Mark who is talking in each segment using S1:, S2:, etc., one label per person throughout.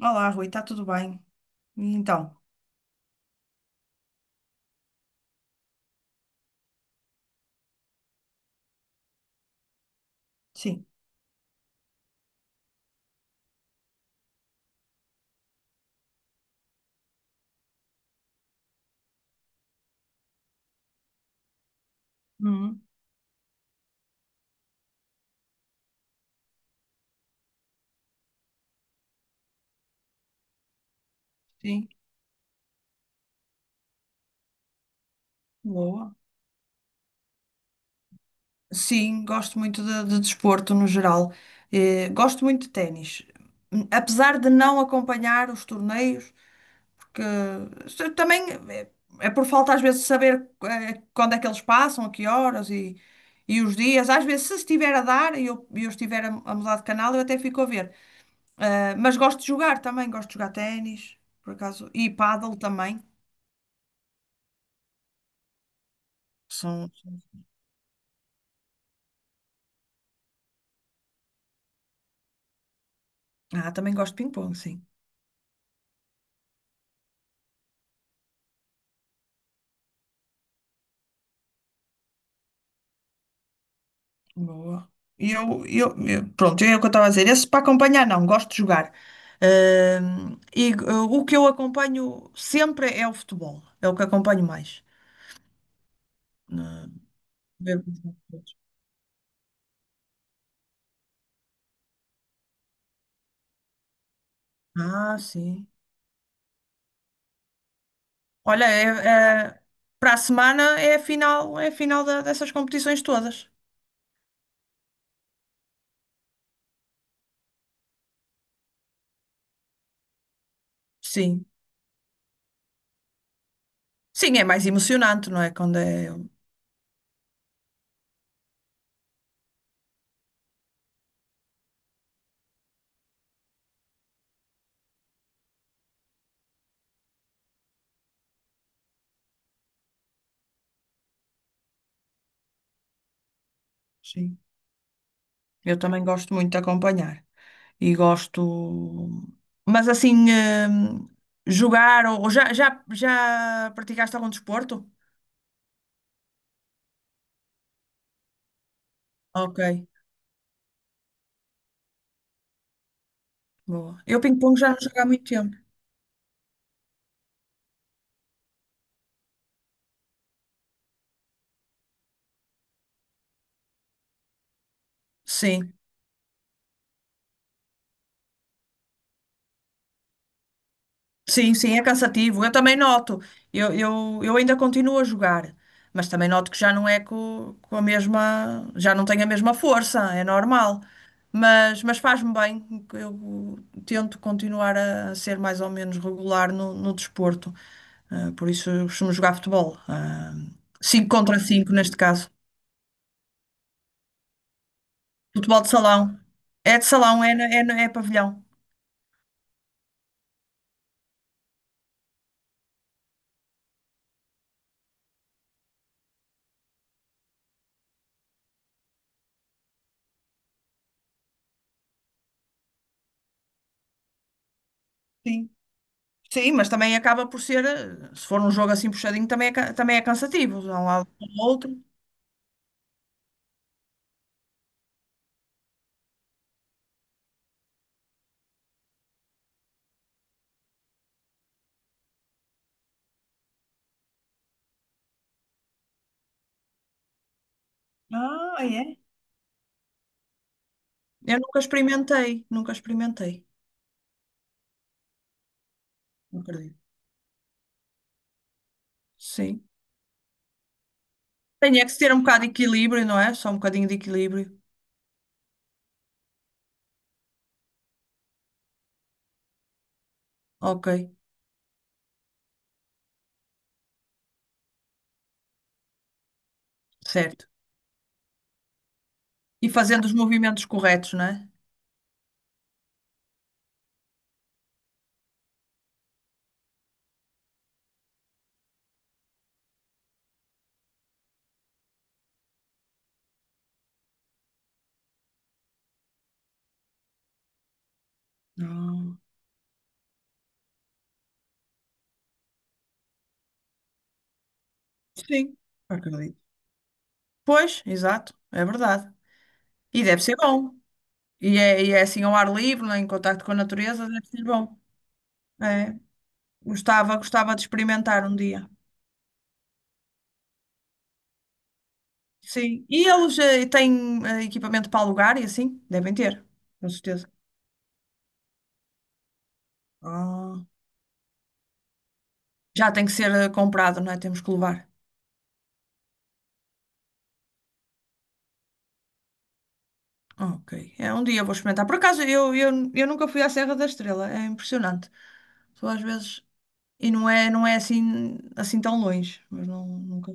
S1: Olá, Rui, está tudo bem? E então, sim. Uhum, sim, boa. Sim, gosto muito de desporto no geral. Gosto muito de ténis. Apesar de não acompanhar os torneios, porque também é, é por falta às vezes de saber quando é que eles passam, a que horas e os dias. Às vezes, se estiver a dar e eu estiver a mudar de canal, eu até fico a ver. Mas gosto de jogar também, gosto de jogar ténis, por acaso, e pádel também. São. Ah, também gosto de ping-pong, sim. Boa. Pronto, é o que eu estava a dizer. Esse para acompanhar, não, gosto de jogar. O que eu acompanho sempre é o futebol. É o que acompanho mais. Ah, os jogos. Ah, sim. Olha, para a semana é a final dessas competições todas. Sim. Sim, é mais emocionante, não é? Quando é. Sim. Eu também gosto muito de acompanhar. E gosto. Mas assim, jogar ou já praticaste algum desporto? Ok, boa. Eu ping-pong já não jogo há muito tempo. Sim, sim, sim, é cansativo. Eu também noto. Eu ainda continuo a jogar, mas também noto que já não é com, a mesma, já não tenho a mesma força, é normal. Mas faz-me bem. Eu tento continuar a ser mais ou menos regular no desporto. Ah, por isso eu costumo jogar futebol. Ah, 5 contra 5 neste caso. Futebol de salão. É de salão, é pavilhão. Sim. Sim, mas também acaba por ser, se for um jogo assim puxadinho, também é, também é cansativo, de um lado para o outro. Ah, é? Eu nunca experimentei, nunca experimentei, não acredito. Sim. Tem é que se ter um bocado de equilíbrio, não é? Só um bocadinho de equilíbrio. Ok, certo. E fazendo os movimentos corretos, não é? Não. Sim, acredito. Pois, exato, é verdade. E deve ser bom. E é assim ao ar livre, né, em contacto com a natureza, deve ser bom. É, gostava de experimentar um dia. Sim. E eles têm equipamento para alugar e assim? Devem ter, com certeza. Ah. Já tem que ser comprado, não é? Temos que levar. Ok. É, um dia vou experimentar. Por acaso, eu nunca fui à Serra da Estrela. É impressionante. Só às vezes. Não é assim, assim tão longe. Mas não, nunca.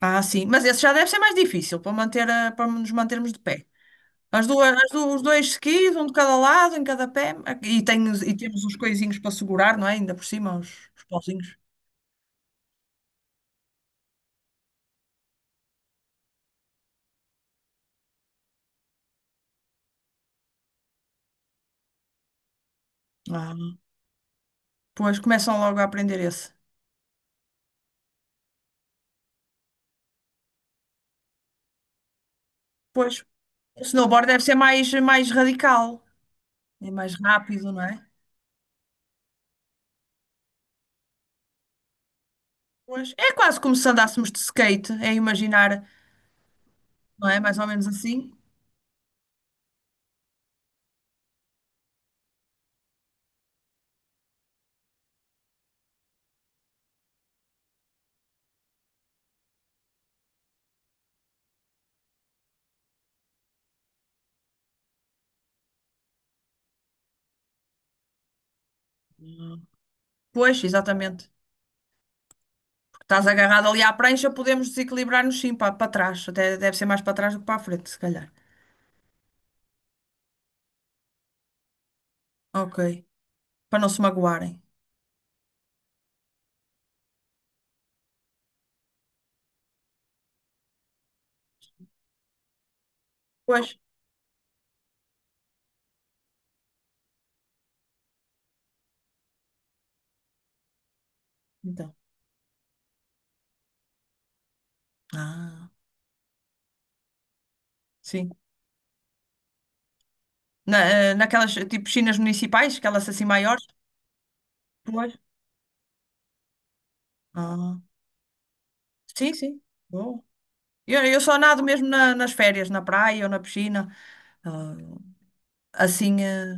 S1: Ah, sim. Mas esse já deve ser mais difícil para manter para nos mantermos de pé. As duas, os dois skis, um de cada lado, em cada pé. E temos os coisinhos para segurar, não é? Ainda por cima, os pauzinhos. Ah, pois começam logo a aprender esse. Pois, o snowboard deve ser mais, mais radical e mais rápido, não é? Pois, é quase como se andássemos de skate, é imaginar, não é? Mais ou menos assim. Pois, exatamente. Porque estás agarrado ali à prancha, podemos desequilibrar-nos sim para, para trás. Até deve ser mais para trás do que para a frente, se calhar. Ok. Para não se magoarem. Pois. Então. Ah, sim. Na, naquelas tipo piscinas municipais, aquelas assim maiores. Pois. Ah, sim, sim. Bom. Eu só nado mesmo nas férias, na praia ou na piscina. Ah, assim.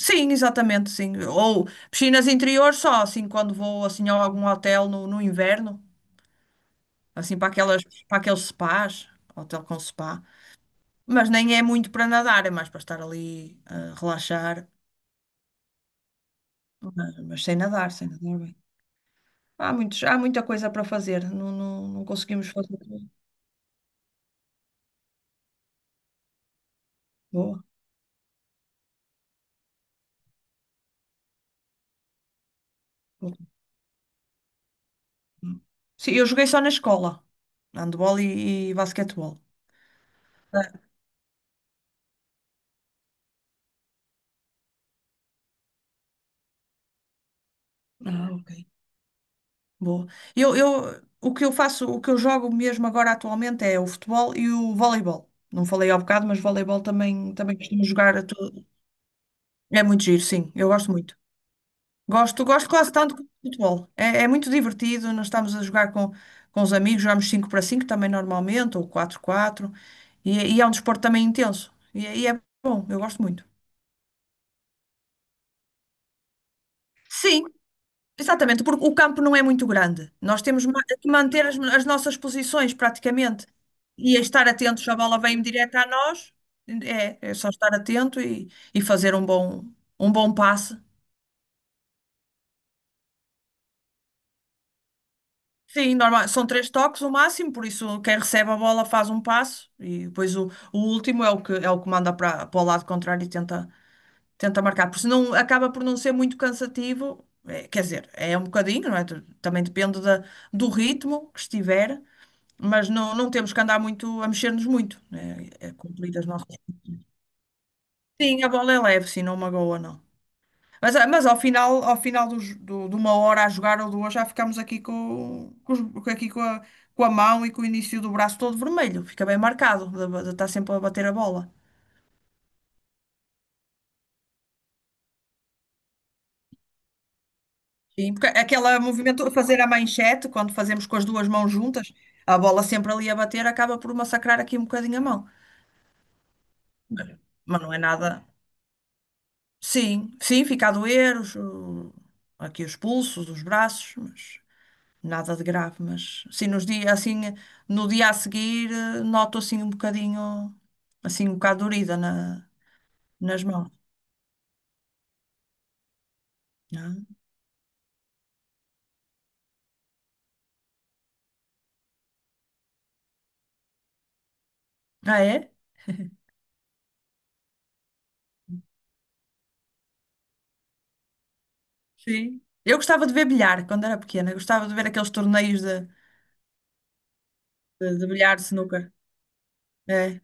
S1: Sim, exatamente, sim. Ou piscinas interiores só, assim, quando vou assim a algum hotel no inverno. Assim, para aquelas, para aqueles spas. Hotel com spa. Mas nem é muito para nadar, é mais para estar ali a relaxar. Mas sem nadar, sem nadar bem. Há muita coisa para fazer. Não conseguimos fazer tudo. Boa. Boa. Sim, eu joguei só na escola. Handball e basquetebol. Ah, ah, ok. Boa. O que eu faço, o que eu jogo mesmo agora atualmente é o futebol e o voleibol. Não falei ao bocado, mas voleibol também, também costumo jogar. É muito giro, sim. Eu gosto muito. Gosto, gosto quase tanto como futebol. É, é muito divertido. Nós estamos a jogar com os amigos, jogamos 5 para 5 também normalmente, ou 4 quatro. É um desporto também intenso. E é bom, eu gosto muito. Sim, exatamente, porque o campo não é muito grande. Nós temos que manter as nossas posições praticamente e estar atentos. Se a bola vem direta a nós, é, é só estar atento e fazer um bom passe. Sim, normal. São três toques o máximo, por isso quem recebe a bola faz um passo e depois o último é o que manda para para o lado contrário e tenta, tenta marcar. Porque isso não acaba por não ser muito cansativo. É, quer dizer, é um bocadinho, não é? Também depende do ritmo que estiver, mas não temos que andar muito a mexer-nos muito, né? É cumprir as nossas. Sim, a bola é leve, sim, não magoa, não. Mas, ah, mas ao final de uma hora a jogar ou duas, já ficamos aqui com aqui com a mão e com o início do braço todo vermelho. Fica bem marcado, de estar sempre a bater a bola. Sim, porque aquele movimento, fazer a manchete, quando fazemos com as duas mãos juntas, a bola sempre ali a bater, acaba por massacrar aqui um bocadinho a mão. Mas, mas não é nada. Sim, sim, fica a doer aqui os pulsos, os braços, mas nada de grave, mas sim, nos dias assim, no dia a seguir, noto assim um bocadinho, assim um bocado dorida nas mãos. Ah, ah, é? Sim. Eu gostava de ver bilhar quando era pequena, gostava de ver aqueles torneios de bilhar, de snooker. É.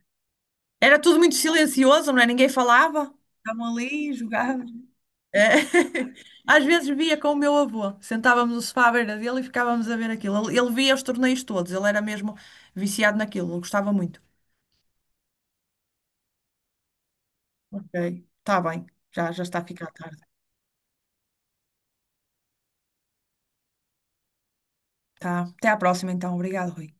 S1: Era tudo muito silencioso, não é? Ninguém falava. Estavam ali, jogavam. É. Às vezes via com o meu avô, sentávamos no sofá à beira dele e ficávamos a ver aquilo. Ele via os torneios todos, ele era mesmo viciado naquilo, ele gostava muito. Ok, está bem, já está a ficar tarde. Tá. Até à próxima, então. Obrigado, Rui.